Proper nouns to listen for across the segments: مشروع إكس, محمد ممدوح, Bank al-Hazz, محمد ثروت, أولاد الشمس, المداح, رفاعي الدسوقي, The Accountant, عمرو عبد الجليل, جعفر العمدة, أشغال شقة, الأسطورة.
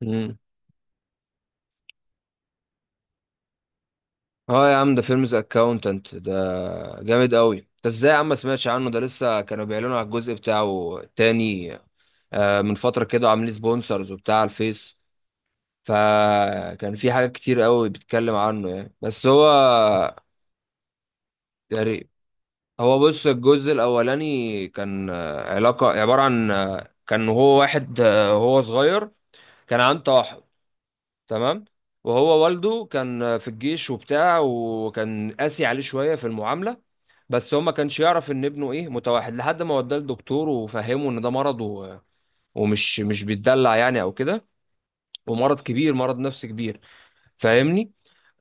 مم. اه يا عم، ده فيلم ذا اكاونتنت ده، جامد قوي. انت ازاي يا عم ما سمعتش عنه؟ ده لسه كانوا بيعلنوا على الجزء بتاعه تاني. من فترة كده عاملين سبونسرز وبتاع على الفيس. فكان في حاجات كتير قوي بيتكلم عنه يعني، بس هو يعني. هو بص، الجزء الأولاني كان علاقة عبارة عن كان هو واحد هو صغير، كان عنده توحد، تمام. وهو والده كان في الجيش وبتاع، وكان قاسي عليه شوية في المعاملة. بس هو ما كانش يعرف ان ابنه ايه، متوحد، لحد ما وداه لدكتور وفهمه ان ده مرض، و... ومش مش بيتدلع يعني او كده، ومرض كبير، مرض نفسي كبير، فاهمني؟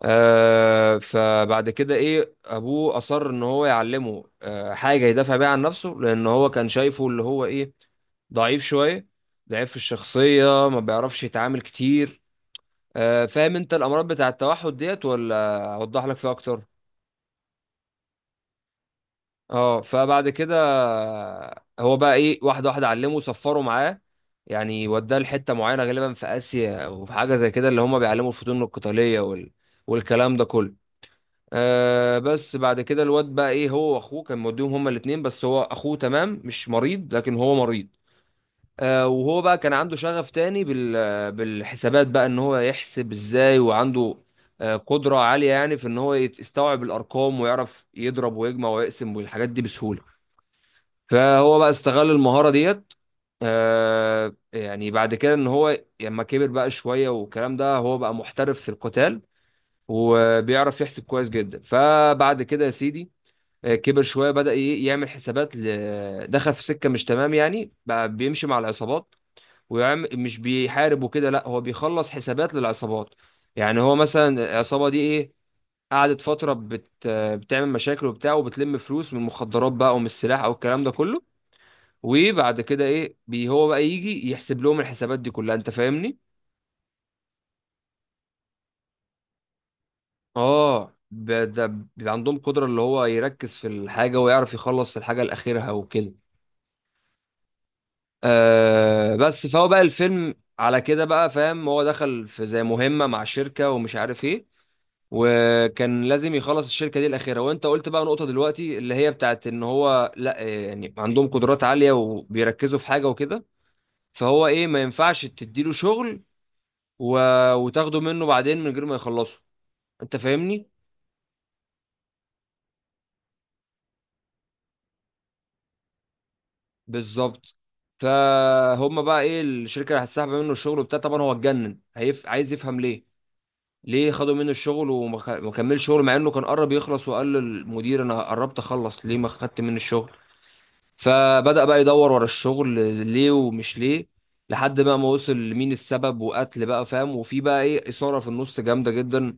فبعد كده ايه، ابوه اصر ان هو يعلمه حاجه يدافع بيها عن نفسه، لان هو كان شايفه اللي هو ايه، ضعيف شويه، ضعيف في الشخصيه، ما بيعرفش يتعامل كتير. فاهم انت الامراض بتاع التوحد ديت، ولا اوضح لك فيها اكتر؟ اه فبعد كده هو بقى ايه، واحده واحده علمه، صفروا معاه يعني، وداه لحته معينه، غالبا في اسيا او في حاجه زي كده، اللي هم بيعلموا الفنون القتاليه، وال... والكلام ده كله. بس بعد كده، الواد بقى ايه، هو واخوه كان موديهم هما الاثنين، بس هو اخوه تمام مش مريض، لكن هو مريض. وهو بقى كان عنده شغف تاني بالحسابات، بقى ان هو يحسب ازاي، وعنده قدرة عالية يعني في ان هو يستوعب الارقام، ويعرف يضرب ويجمع ويقسم والحاجات دي بسهولة. فهو بقى استغل المهارة ديت. يعني بعد كده، ان هو لما كبر بقى شوية والكلام ده، هو بقى محترف في القتال، وبيعرف يحسب كويس جدا. فبعد كده يا سيدي، كبر شوية، بدأ يعمل حسابات، دخل في سكة مش تمام يعني، بقى بيمشي مع العصابات، ويعمل، مش بيحارب وكده لا، هو بيخلص حسابات للعصابات. يعني هو مثلا العصابة دي ايه، قعدت فترة بتعمل مشاكل وبتاع، وبتلم فلوس من المخدرات بقى، ومن السلاح او الكلام ده كله. وبعد كده ايه، هو بقى يجي يحسب لهم الحسابات دي كلها، انت فاهمني؟ اه. ده بيبقى عندهم قدرة، اللي هو يركز في الحاجة، ويعرف يخلص الحاجة لآخرها وكده. بس، فهو بقى الفيلم على كده بقى فاهم، هو دخل في زي مهمة مع شركة ومش عارف ايه، وكان لازم يخلص الشركه دي الاخيره. وانت قلت بقى نقطه دلوقتي، اللي هي بتاعت ان هو، لا، يعني عندهم قدرات عاليه وبيركزوا في حاجه وكده. فهو ايه، ما ينفعش تديله شغل و... وتاخده منه بعدين من غير ما يخلصه، انت فاهمني؟ بالظبط. فهم بقى ايه، الشركه اللي هتسحب منه الشغل وبتاع، طبعا هو اتجنن، عايز يفهم ليه. ليه خدوا منه الشغل، وما خ- ما كملش شغل، مع انه كان قرب يخلص، وقال للمدير انا قربت اخلص، ليه ما خدت مني الشغل؟ فبدأ بقى يدور ورا الشغل، ليه ومش ليه، لحد بقى ما وصل لمين السبب، وقتل بقى، فاهم. وفي بقى ايه، إثارة في النص جامدة جدا،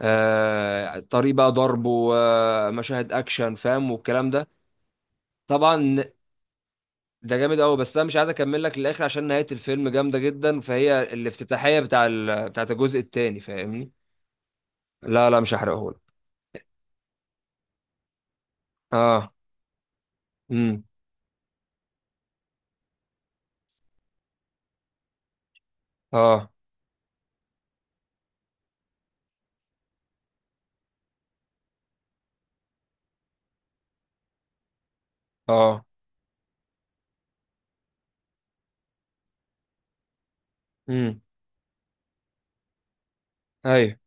طريق بقى ضرب، ومشاهد اكشن فاهم، والكلام ده. طبعا ده جامد قوي، بس انا مش عايز اكمل لك للاخر، عشان نهاية الفيلم جامدة جدا، فهي الافتتاحية بتاعت الجزء التاني، فاهمني؟ لا لا، مش هحرقهولك. اه. امم. اه. اه. امم. ايوه،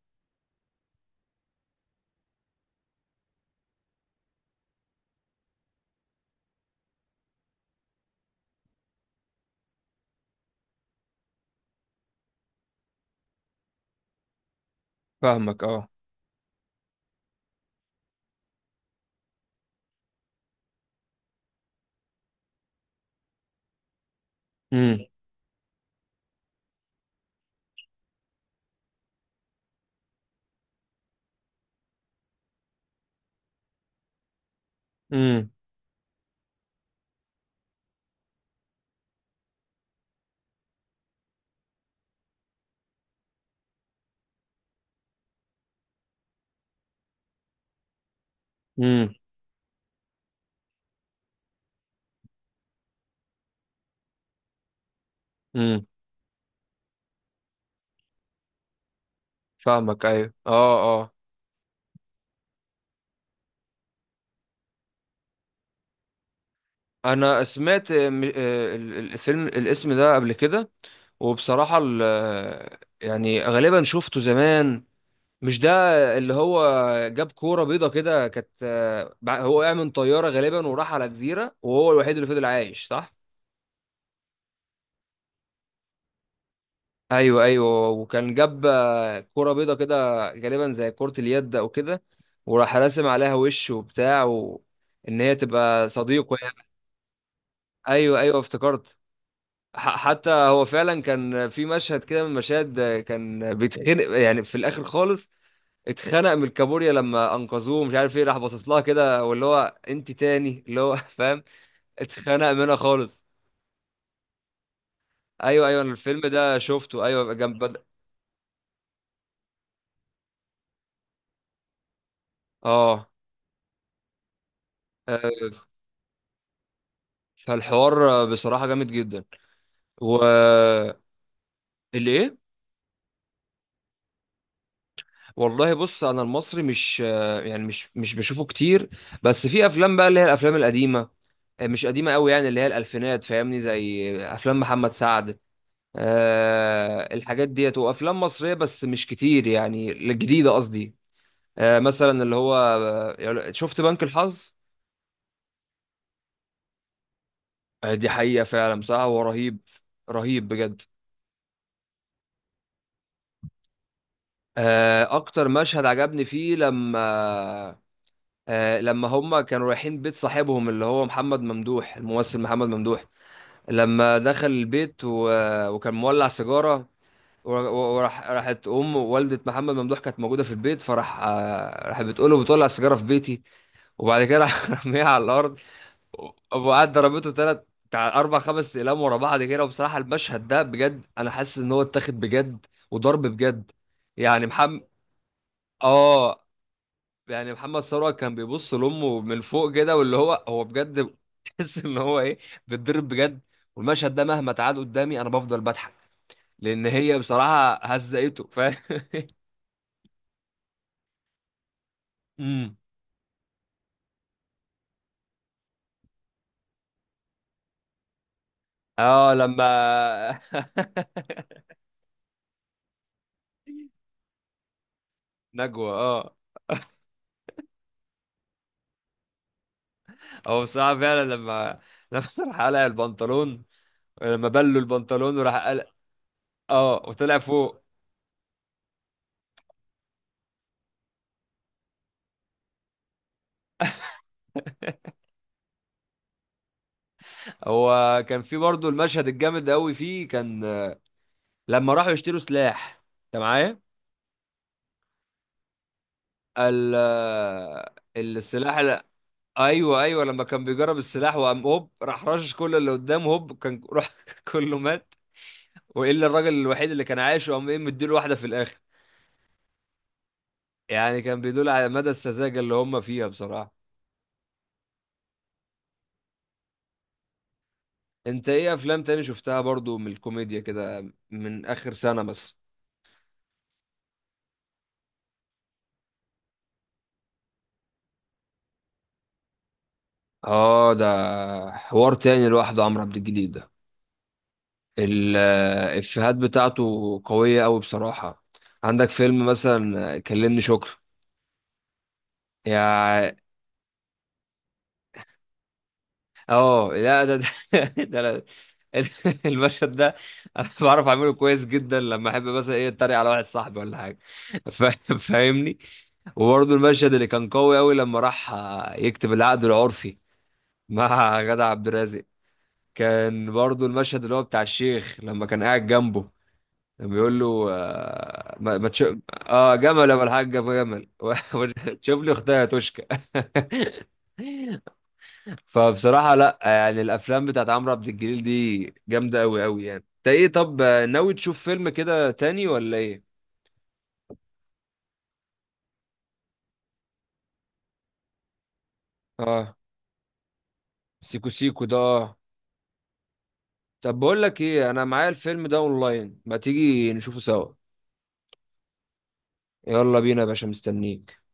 فاهمك. اه. امم. امم. امم. فاهمك، ايوه، اه، اه. انا سمعت الفيلم، الاسم ده قبل كده، وبصراحة يعني غالبا شفته زمان. مش ده اللي هو جاب كورة بيضة كده، كانت هو وقع من طيارة غالبا، وراح على جزيرة، وهو الوحيد اللي فضل عايش، صح؟ ايوه ايوه، وكان جاب كورة بيضة كده، غالبا زي كرة اليد او كده، وراح راسم عليها وش وبتاع و... ان هي تبقى صديقه يعني. ايوه ايوه افتكرت. حتى هو فعلا كان في مشهد كده من المشاهد، كان بيتخنق يعني في الاخر خالص، اتخنق من الكابوريا لما انقذوه، مش عارف ايه، راح باصص لها كده، واللي هو انت تاني اللي هو فاهم. اتخنق منها خالص. ايوه ايوه، الفيلم ده شفته، ايوه، جنب. اه. آه، فالحوار بصراحة جامد جدا، و... اللي ايه؟ والله بص، انا المصري مش يعني مش بشوفه كتير. بس في افلام بقى، اللي هي الافلام القديمة، مش قديمة قوي، يعني اللي هي الألفينات، فاهمني، زي أفلام محمد سعد. أه، الحاجات ديت، وأفلام مصرية، بس مش كتير، يعني الجديدة قصدي. أه، مثلا اللي هو شفت بنك الحظ. دي حقيقة فعلا، بصراحة هو رهيب. رهيب بجد. أكتر مشهد عجبني فيه، لما لما هما كانوا رايحين بيت صاحبهم، اللي هو محمد ممدوح، الممثل محمد ممدوح، لما دخل البيت و... وكان مولع سيجارة. وراح، ام والده محمد ممدوح كانت موجوده في البيت، فراح آه، راحت بتقول له بتولع السيجاره في بيتي. وبعد كده راح رميها على الارض. وقعد ضربته ثلاث، بتاع اربع خمس اقلام ورا بعض كده. وبصراحه المشهد ده بجد، انا حاسس ان هو اتاخد بجد، وضرب بجد. يعني محمد اه يعني محمد ثروت، كان بيبص لامه من فوق كده، واللي هو هو بجد تحس ان هو ايه، بيتضرب بجد. والمشهد ده مهما تعاد قدامي، انا بفضل بضحك، لان هي بصراحه هزقته، فاهم امم. اه، لما نجوى، اه. هو بصراحة فعلا لما راح قلع البنطلون، لما بلوا البنطلون وراح قلع. اه، وطلع فوق. هو كان في برضه المشهد الجامد قوي فيه، كان لما راحوا يشتروا سلاح، انت معايا؟ ال السلاح ال... ايوه ايوه، لما كان بيجرب السلاح، وقام هوب راح رشش كل اللي قدامه، هوب كان راح كله مات، والا الراجل الوحيد اللي كان عايش، وقام ايه، مديله واحده في الاخر. يعني كان بيدل على مدى السذاجة اللي هم فيها بصراحة. انت ايه، افلام تاني شفتها برضو من الكوميديا كده من اخر سنة مثلا؟ اه، ده حوار تاني لوحده، عمرو عبد الجليل ده، الافيهات بتاعته قوية قوي بصراحة. عندك فيلم مثلا كلمني شكر، يا. اه، لا ده، ده. أنا- المشهد ده، انا بعرف اعمله كويس جدا، لما احب مثلا ايه اتريق على واحد صاحبي ولا حاجه، ف- فاهمني. وبرضه المشهد اللي كان قوي قوي، لما راح يكتب العقد العرفي مع جدع عبد الرازق، كان برضه المشهد اللي هو بتاع الشيخ لما كان قاعد جنبه، كان بيقول له آه، ما تشوف. اه، جمل يا ابو الحاج، ابو جمل تشوف لي اختها يا توشكا فبصراحة لا، يعني الافلام بتاعت عمرو عبد الجليل دي جامدة قوي قوي. يعني انت ايه طب، ناوي تشوف فيلم كده تاني ولا ايه؟ اه، سيكو. سيكو ده، آه. طب بقول لك ايه، انا معايا الفيلم ده اونلاين، ما تيجي نشوفه سوا؟ يلا بينا يا باشا، مستنيك.